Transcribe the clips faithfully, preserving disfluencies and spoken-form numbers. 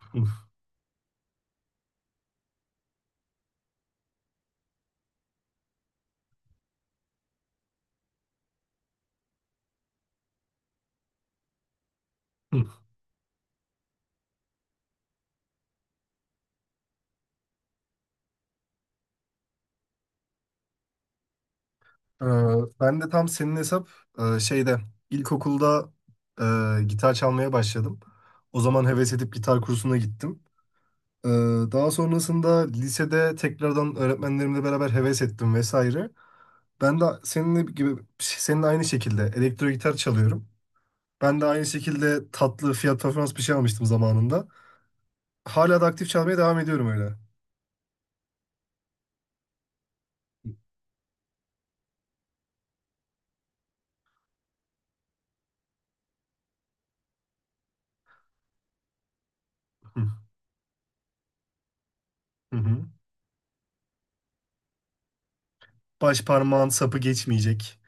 Hı, hı. Ee, Ben de tam senin hesap e, şeyde ilkokulda e, gitar çalmaya başladım. O zaman heves edip gitar kursuna gittim. Ee, Daha sonrasında lisede tekrardan öğretmenlerimle beraber heves ettim vesaire. Ben de seninle gibi senin aynı şekilde elektro gitar çalıyorum. Ben de aynı şekilde tatlı fiyat performans bir şey almıştım zamanında. Hala da aktif çalmaya devam ediyorum öyle. Hı hı. Baş parmağın sapı geçmeyecek.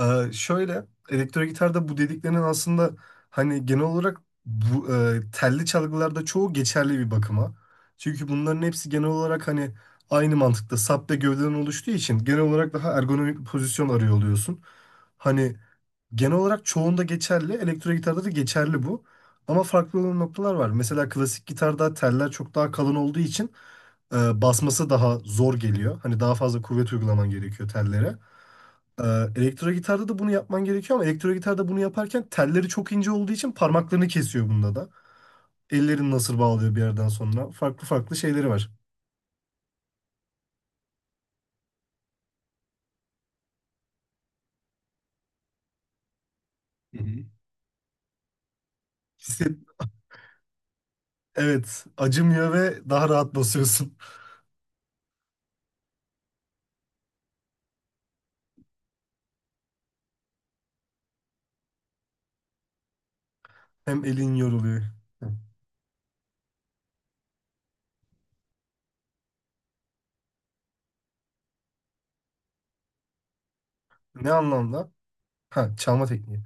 Ee, şöyle elektro gitarda bu dediklerinin aslında hani genel olarak bu e, telli çalgılarda çoğu geçerli bir bakıma. Çünkü bunların hepsi genel olarak hani aynı mantıkta sap ve gövdeden oluştuğu için genel olarak daha ergonomik bir pozisyon arıyor oluyorsun. Hani genel olarak çoğunda geçerli, elektro gitarda da geçerli bu. Ama farklı olan noktalar var. Mesela klasik gitarda teller çok daha kalın olduğu için e, basması daha zor geliyor. Hani daha fazla kuvvet uygulaman gerekiyor tellere. Ee, Elektro gitarda da bunu yapman gerekiyor ama elektro gitarda bunu yaparken telleri çok ince olduğu için parmaklarını kesiyor bunda da. Ellerini nasır bağlıyor bir yerden sonra. Farklı farklı şeyleri var. Hı hı. Hisset, evet, acımıyor ve daha rahat basıyorsun. Hem elin yoruluyor. Hı. Ne anlamda? Ha, çalma tekniği.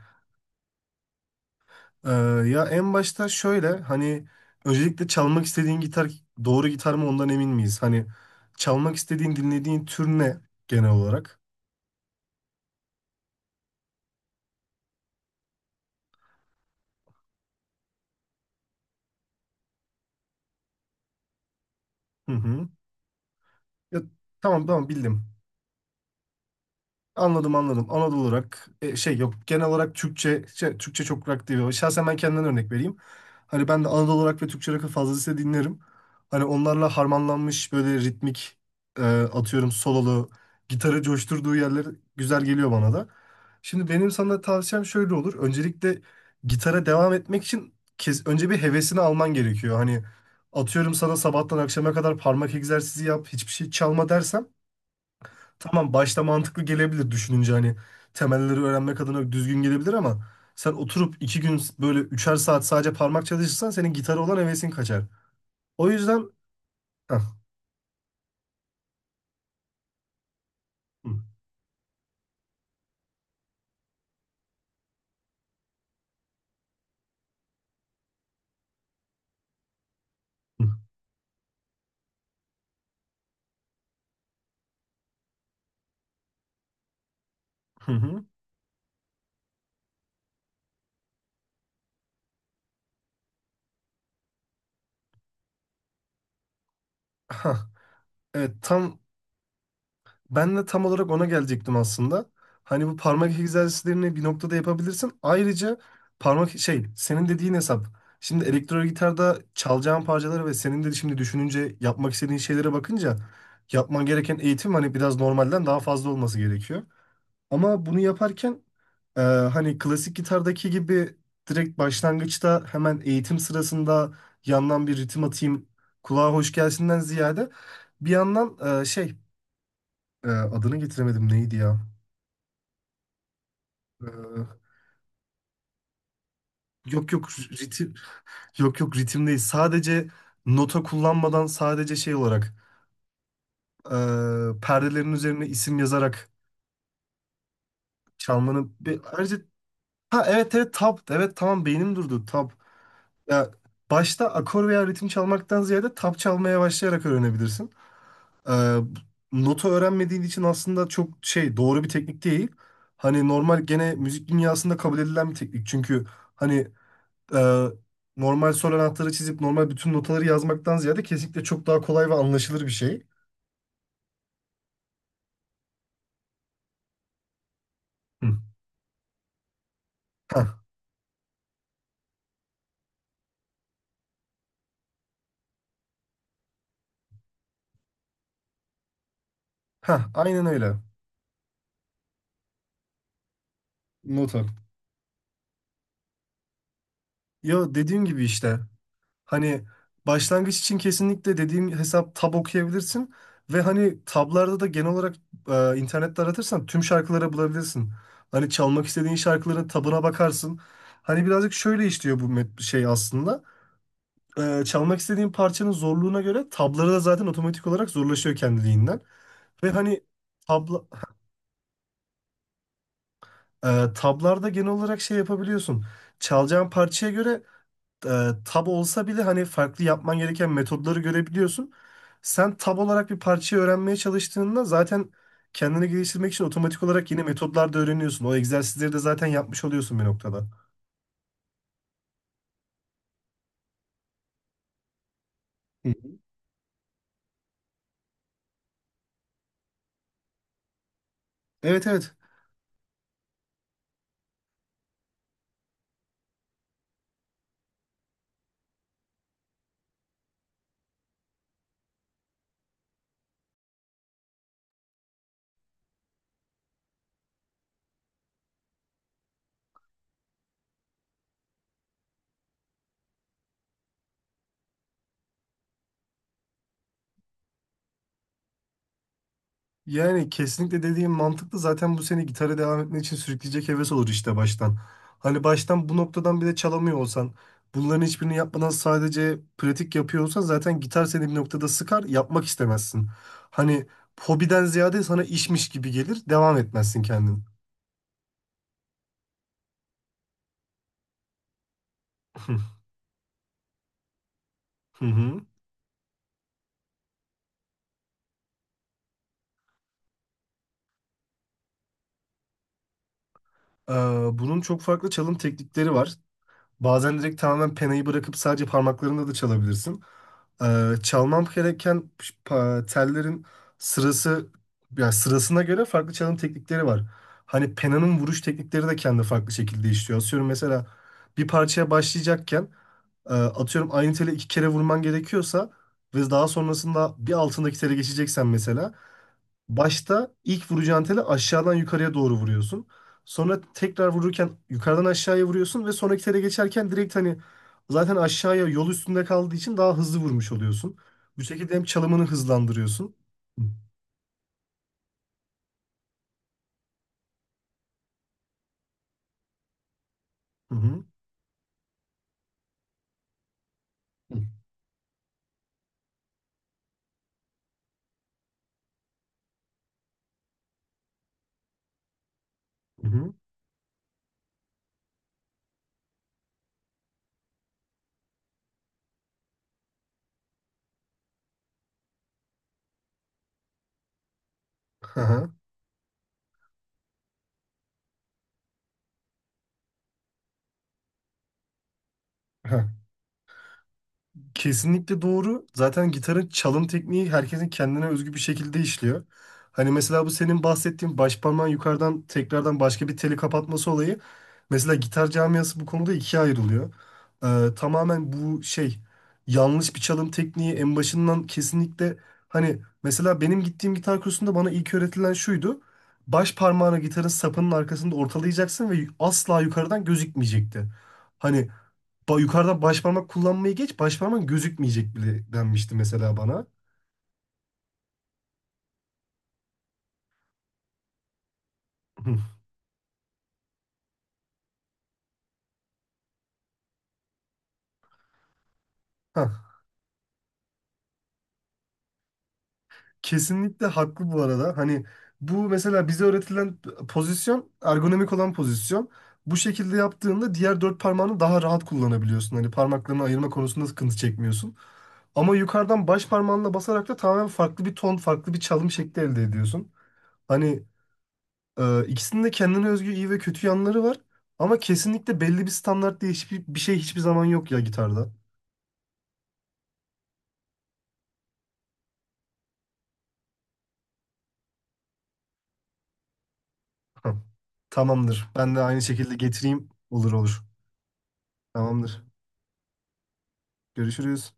Ee, Ya en başta şöyle hani öncelikle çalmak istediğin gitar doğru gitar mı ondan emin miyiz? Hani çalmak istediğin dinlediğin tür ne genel olarak? Hı hı. Ya, tamam tamam bildim. Anladım anladım. Anadolu olarak e, şey yok genel olarak Türkçe şey, Türkçe çok rock değil. Şahsen ben kendimden örnek vereyim. Hani ben de Anadolu olarak ve Türkçe rock'ı fazlasıyla dinlerim. Hani onlarla harmanlanmış böyle ritmik e, atıyorum sololu gitarı coşturduğu yerler güzel geliyor bana da. Şimdi benim sana tavsiyem şöyle olur. Öncelikle gitara devam etmek için kes, önce bir hevesini alman gerekiyor. Hani atıyorum sana sabahtan akşama kadar parmak egzersizi yap, hiçbir şey çalma dersem tamam başta mantıklı gelebilir düşününce hani temelleri öğrenmek adına düzgün gelebilir ama sen oturup iki gün böyle üçer saat sadece parmak çalışırsan senin gitara olan hevesin kaçar. O yüzden hah. Hı, hı, hı, hı. Hah. Evet tam, ben de tam olarak ona gelecektim aslında. Hani bu parmak egzersizlerini bir noktada yapabilirsin. Ayrıca parmak şey senin dediğin hesap. Şimdi elektro gitarda çalacağın parçalara ve senin de şimdi düşününce yapmak istediğin şeylere bakınca yapman gereken eğitim hani biraz normalden daha fazla olması gerekiyor. Ama bunu yaparken e, hani klasik gitardaki gibi direkt başlangıçta hemen eğitim sırasında yandan bir ritim atayım kulağa hoş gelsinden ziyade bir yandan e, şey ee, adını getiremedim neydi ya? Ee, yok yok ritim, yok yok ritim değil. Sadece nota kullanmadan sadece şey olarak ee, perdelerin üzerine isim yazarak çalmanın bir ayrıca ha evet evet tap evet tamam beynim durdu tap. Ya başta akor veya ritim çalmaktan ziyade tap çalmaya başlayarak öğrenebilirsin. Ee, Nota öğrenmediğin için aslında çok şey doğru bir teknik değil. Hani normal gene müzik dünyasında kabul edilen bir teknik. Çünkü hani e, normal sol anahtarı çizip normal bütün notaları yazmaktan ziyade kesinlikle çok daha kolay ve anlaşılır bir şey. Hı. Hah, hah, aynen öyle. Nota. Ya dediğim gibi işte hani başlangıç için kesinlikle dediğim hesap tab okuyabilirsin ve hani tablarda da genel olarak e, internette aratırsan tüm şarkıları bulabilirsin. Hani çalmak istediğin şarkıların tabına bakarsın. Hani birazcık şöyle işliyor bu met- şey aslında. E, çalmak istediğin parçanın zorluğuna göre tabları da zaten otomatik olarak zorlaşıyor kendiliğinden. Ve hani tabla, e, tablarda genel olarak şey yapabiliyorsun. Çalacağın parçaya göre e, tab olsa bile hani farklı yapman gereken metodları görebiliyorsun. Sen tab olarak bir parçayı öğrenmeye çalıştığında zaten kendini geliştirmek için otomatik olarak yeni metodlar da öğreniyorsun. O egzersizleri de zaten yapmış oluyorsun bir noktada. Hı hı. Evet evet. Yani kesinlikle dediğim mantıklı. Zaten bu seni gitara devam etmek için sürükleyecek heves olur işte baştan. Hani baştan bu noktadan bile çalamıyor olsan, bunların hiçbirini yapmadan sadece pratik yapıyor olsan zaten gitar seni bir noktada sıkar, yapmak istemezsin. Hani hobiden ziyade sana işmiş gibi gelir, devam etmezsin kendin. Hı hı. Ee, Bunun çok farklı çalım teknikleri var. Bazen direkt tamamen penayı bırakıp sadece parmaklarında da çalabilirsin. Ee, çalmam gereken pa- tellerin sırası yani sırasına göre farklı çalım teknikleri var. Hani penanın vuruş teknikleri de kendi farklı şekilde işliyor. Atıyorum mesela bir parçaya başlayacakken e, atıyorum aynı tele iki kere vurman gerekiyorsa ve daha sonrasında bir altındaki tele geçeceksen mesela başta ilk vuracağın teli aşağıdan yukarıya doğru vuruyorsun. Sonra tekrar vururken yukarıdan aşağıya vuruyorsun ve sonraki tele geçerken direkt hani zaten aşağıya yol üstünde kaldığı için daha hızlı vurmuş oluyorsun. Bu şekilde hem çalımını hızlandırıyorsun. Hı hı. Hı hı. Hı hı. Kesinlikle doğru. Zaten gitarın çalım tekniği herkesin kendine özgü bir şekilde işliyor. Hani mesela bu senin bahsettiğin baş parmağın yukarıdan tekrardan başka bir teli kapatması olayı. Mesela gitar camiası bu konuda ikiye ayrılıyor. Ee, tamamen bu şey yanlış bir çalım tekniği en başından kesinlikle hani mesela benim gittiğim gitar kursunda bana ilk öğretilen şuydu. Baş parmağını gitarın sapının arkasında ortalayacaksın ve asla yukarıdan gözükmeyecekti. Hani ba- yukarıdan başparmak kullanmayı geç, başparmağın gözükmeyecek bile denmişti mesela bana. Hı. Hah, kesinlikle haklı bu arada. Hani bu mesela bize öğretilen pozisyon, ergonomik olan pozisyon. Bu şekilde yaptığında diğer dört parmağını daha rahat kullanabiliyorsun. Hani parmaklarını ayırma konusunda sıkıntı çekmiyorsun. Ama yukarıdan baş parmağınla basarak da tamamen farklı bir ton, farklı bir çalım şekli elde ediyorsun. Hani e, ikisinin de kendine özgü iyi ve kötü yanları var. Ama kesinlikle belli bir standart diye hiçbir bir şey hiçbir zaman yok ya gitarda. Tamam. Tamamdır. Ben de aynı şekilde getireyim. Olur olur. Tamamdır. Görüşürüz.